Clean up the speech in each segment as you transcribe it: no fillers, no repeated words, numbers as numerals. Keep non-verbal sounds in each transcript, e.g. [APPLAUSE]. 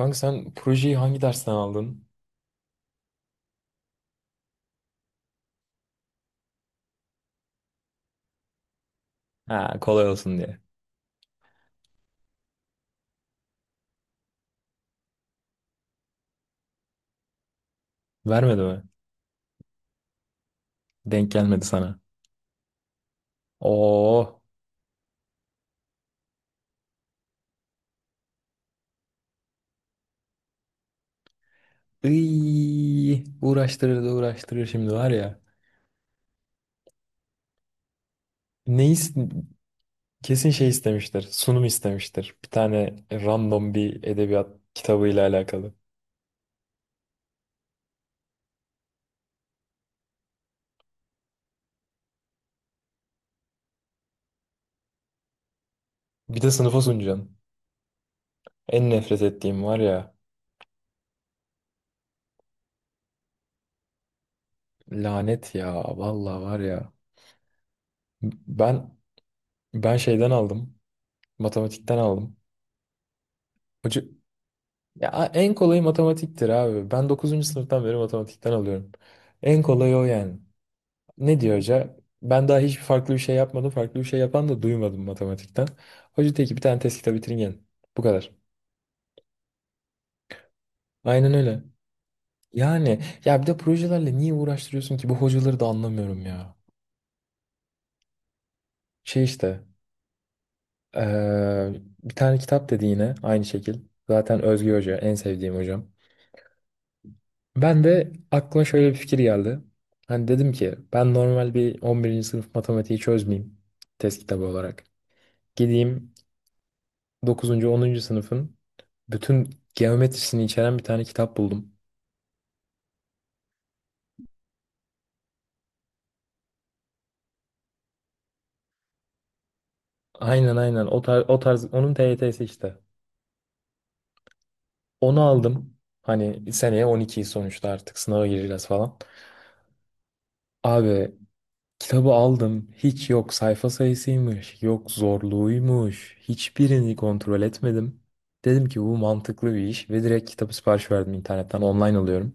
Kanka, sen projeyi hangi dersten aldın? Ha, kolay olsun diye. Vermedi mi? Denk gelmedi sana. Oo. Iy, uğraştırır da uğraştırır şimdi var ya. Ne is- Kesin şey istemiştir. Sunum istemiştir. Bir tane random bir edebiyat kitabıyla alakalı. Bir de sınıfa sunacaksın. En nefret ettiğim var ya. Lanet ya. Vallahi var ya. Ben ben şeyden aldım. Matematikten aldım. Hoca Ya en kolayı matematiktir abi. Ben dokuzuncu sınıftan beri matematikten alıyorum. En kolayı o yani. Ne diyor hoca? Ben daha hiçbir farklı bir şey yapmadım. Farklı bir şey yapan da duymadım matematikten. Hoca diyor ki bir tane test kitabı bitirin gelin. Bu kadar. Aynen öyle. Yani ya bir de projelerle niye uğraştırıyorsun ki? Bu hocaları da anlamıyorum ya. Şey işte bir tane kitap dedi yine aynı şekil. Zaten Özge Hoca en sevdiğim hocam. Ben de aklıma şöyle bir fikir geldi. Hani dedim ki ben normal bir 11. sınıf matematiği çözmeyeyim test kitabı olarak. Gideyim dokuzuncu 10. sınıfın bütün geometrisini içeren bir tane kitap buldum. Aynen aynen o tarz onun TYT'si işte. Onu aldım. Hani seneye 12'yi sonuçta artık sınava gireceğiz falan. Abi, kitabı aldım. Hiç yok sayfa sayısıymış, yok zorluğuymuş. Hiçbirini kontrol etmedim. Dedim ki bu mantıklı bir iş ve direkt kitabı sipariş verdim internetten. Online alıyorum.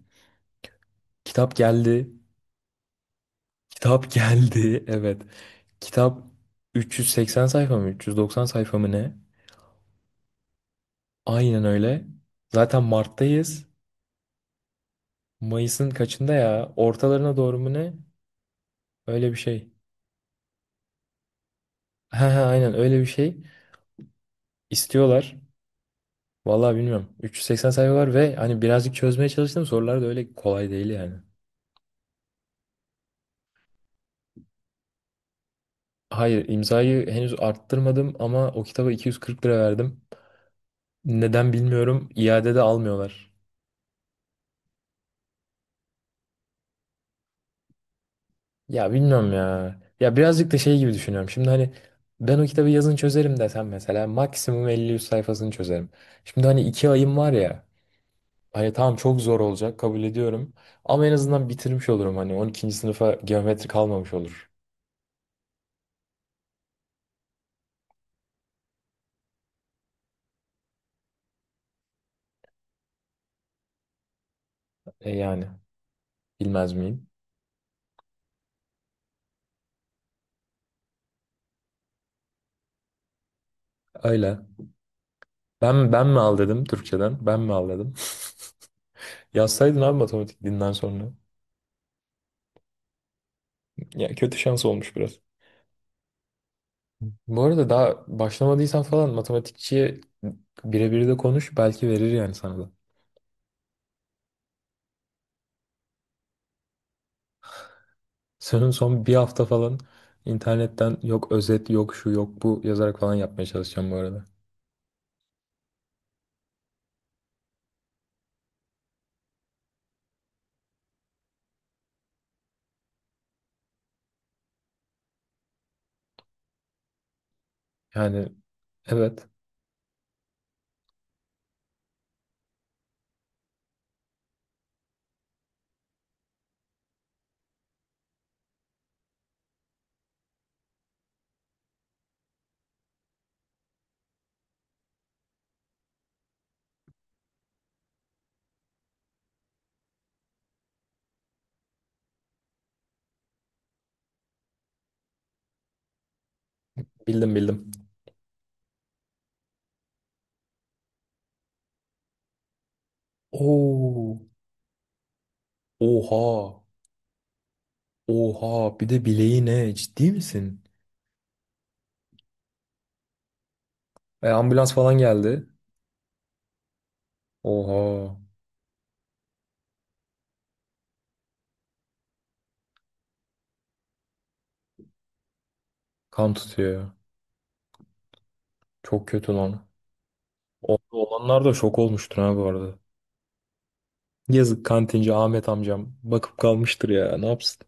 Kitap geldi. Kitap [LAUGHS] geldi. Evet. Kitap 380 sayfa mı, 390 sayfa mı ne? Aynen öyle. Zaten Mart'tayız. Mayıs'ın kaçında ya? Ortalarına doğru mu ne? Öyle bir şey. [LAUGHS] Ha ha, aynen öyle bir şey. İstiyorlar. Vallahi bilmiyorum. 380 sayfa var ve hani birazcık çözmeye çalıştım. Sorular da öyle kolay değil yani. Hayır, imzayı henüz arttırmadım ama o kitaba 240 lira verdim. Neden bilmiyorum. İade de almıyorlar. Ya bilmiyorum ya. Ya birazcık da şey gibi düşünüyorum. Şimdi hani ben o kitabı yazın çözerim desem mesela maksimum 50-100 sayfasını çözerim. Şimdi hani 2 ayım var ya. Hani tamam, çok zor olacak, kabul ediyorum. Ama en azından bitirmiş olurum, hani 12. sınıfa geometri kalmamış olur. E yani, bilmez miyim? Öyle. Ben mi al dedim Türkçeden? Ben mi al dedim? [LAUGHS] Yazsaydın abi matematik dinden sonra. Ya kötü şans olmuş biraz. Bu arada daha başlamadıysan falan matematikçiye birebir de konuş, belki verir yani sana da. Senin son bir hafta falan internetten yok özet yok şu yok bu yazarak falan yapmaya çalışacağım bu arada. Yani evet, bildim bildim. Oo. Oha, oha, bir de bileği, ne, ciddi misin? E, ambulans falan geldi. Oha, kan tutuyor. Çok kötü lan. Orada olanlar da şok olmuştur ha bu arada. Yazık, kantinci Ahmet amcam bakıp kalmıştır ya. Ne yapsın?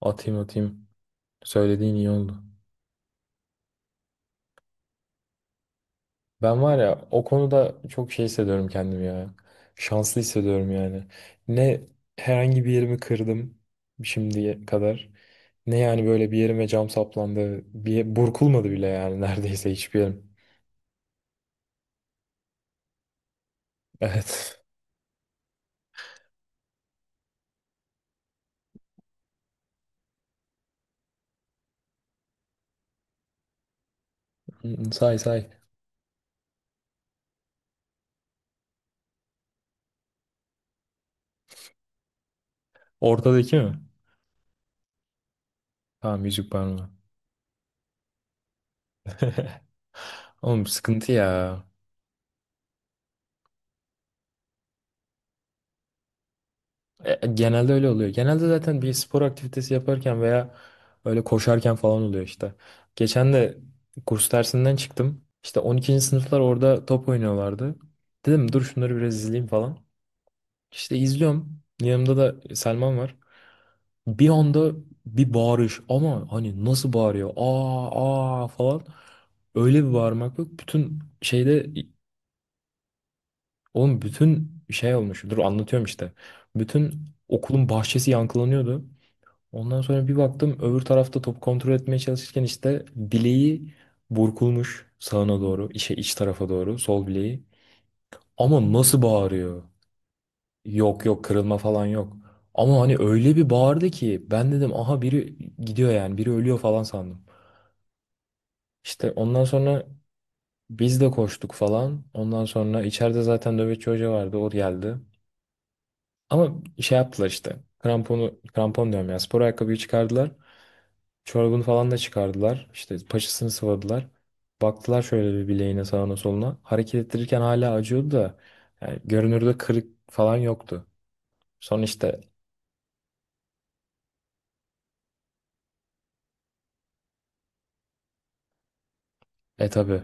Atayım atayım. Söylediğin iyi oldu. Ben var ya, o konuda çok şey hissediyorum kendimi ya. Şanslı hissediyorum yani. Ne herhangi bir yerimi kırdım şimdiye kadar. Ne yani, böyle bir yerime cam saplandı. Bir burkulmadı bile yani [LAUGHS] neredeyse hiçbir yerim. Evet. [LAUGHS] Say say. Ortadaki mi? Tamam, yüzük parmağı. Oğlum sıkıntı ya. E, genelde öyle oluyor. Genelde zaten bir spor aktivitesi yaparken veya öyle koşarken falan oluyor işte. Geçen de kurs dersinden çıktım. İşte 12. sınıflar orada top oynuyorlardı. Dedim dur şunları biraz izleyeyim falan. İşte izliyorum. Yanımda da Selman var. Bir anda bir bağırış, ama hani nasıl bağırıyor? Aa aa falan. Öyle bir bağırmak yok. Bütün şeyde, oğlum bütün şey olmuş. Dur anlatıyorum işte. Bütün okulun bahçesi yankılanıyordu. Ondan sonra bir baktım, öbür tarafta top kontrol etmeye çalışırken işte bileği burkulmuş sağına doğru, işe iç tarafa doğru sol bileği. Ama nasıl bağırıyor? Yok yok, kırılma falan yok. Ama hani öyle bir bağırdı ki ben dedim aha biri gidiyor yani, biri ölüyor falan sandım. İşte ondan sonra biz de koştuk falan. Ondan sonra içeride zaten nöbetçi hoca vardı, o geldi. Ama şey yaptılar, işte kramponu, krampon diyorum ya, spor ayakkabıyı çıkardılar. Çorabını falan da çıkardılar. İşte paçasını sıvadılar. Baktılar şöyle bir bileğine, sağına soluna. Hareket ettirirken hala acıyordu da yani görünürde kırık falan yoktu. Sonra işte, e tabi,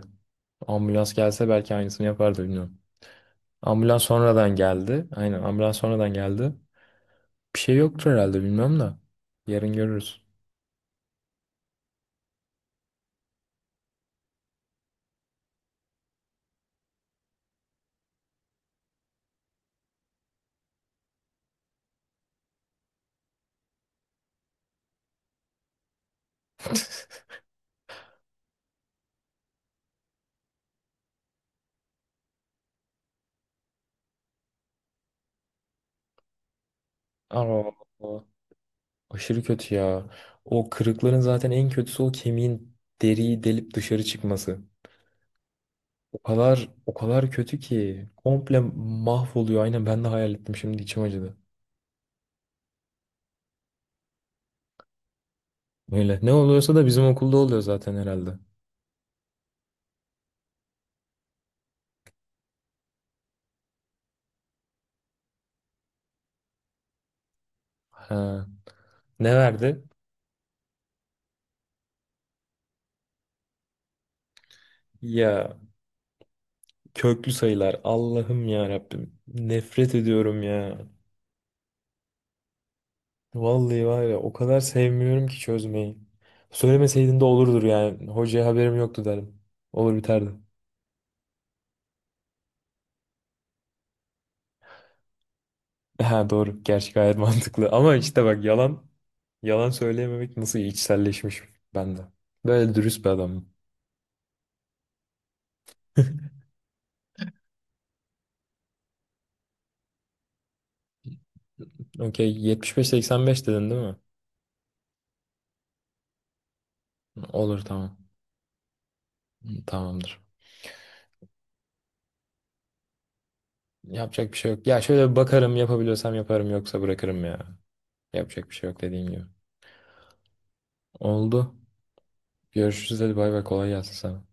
ambulans gelse belki aynısını yapardı bilmiyorum. Ambulans sonradan geldi. Aynen, ambulans sonradan geldi. Bir şey yoktur herhalde, bilmiyorum da. Yarın görürüz. Aa, aşırı kötü ya. O kırıkların zaten en kötüsü, o kemiğin deriyi delip dışarı çıkması. O kadar o kadar kötü ki, komple mahvoluyor. Aynen, ben de hayal ettim şimdi, içim acıdı. Öyle. Ne oluyorsa da bizim okulda oluyor zaten herhalde. Ha. Ne verdi? Ya, köklü sayılar. Allah'ım ya Rabbim. Nefret ediyorum ya. Vallahi var ya, o kadar sevmiyorum ki çözmeyi. Söylemeseydin de olurdur yani. Hocaya haberim yoktu derim. Olur biterdi. [LAUGHS] Ha, doğru. Gerçi gayet [LAUGHS] mantıklı. Ama işte bak, yalan söyleyememek nasıl içselleşmiş bende. Böyle dürüst bir adam. Okey, 75-85 dedin değil mi? Olur, tamam. Tamamdır. Yapacak bir şey yok. Ya şöyle bir bakarım, yapabiliyorsam yaparım, yoksa bırakırım ya. Yapacak bir şey yok, dediğin gibi. Oldu. Görüşürüz, hadi bay bay, kolay gelsin sana.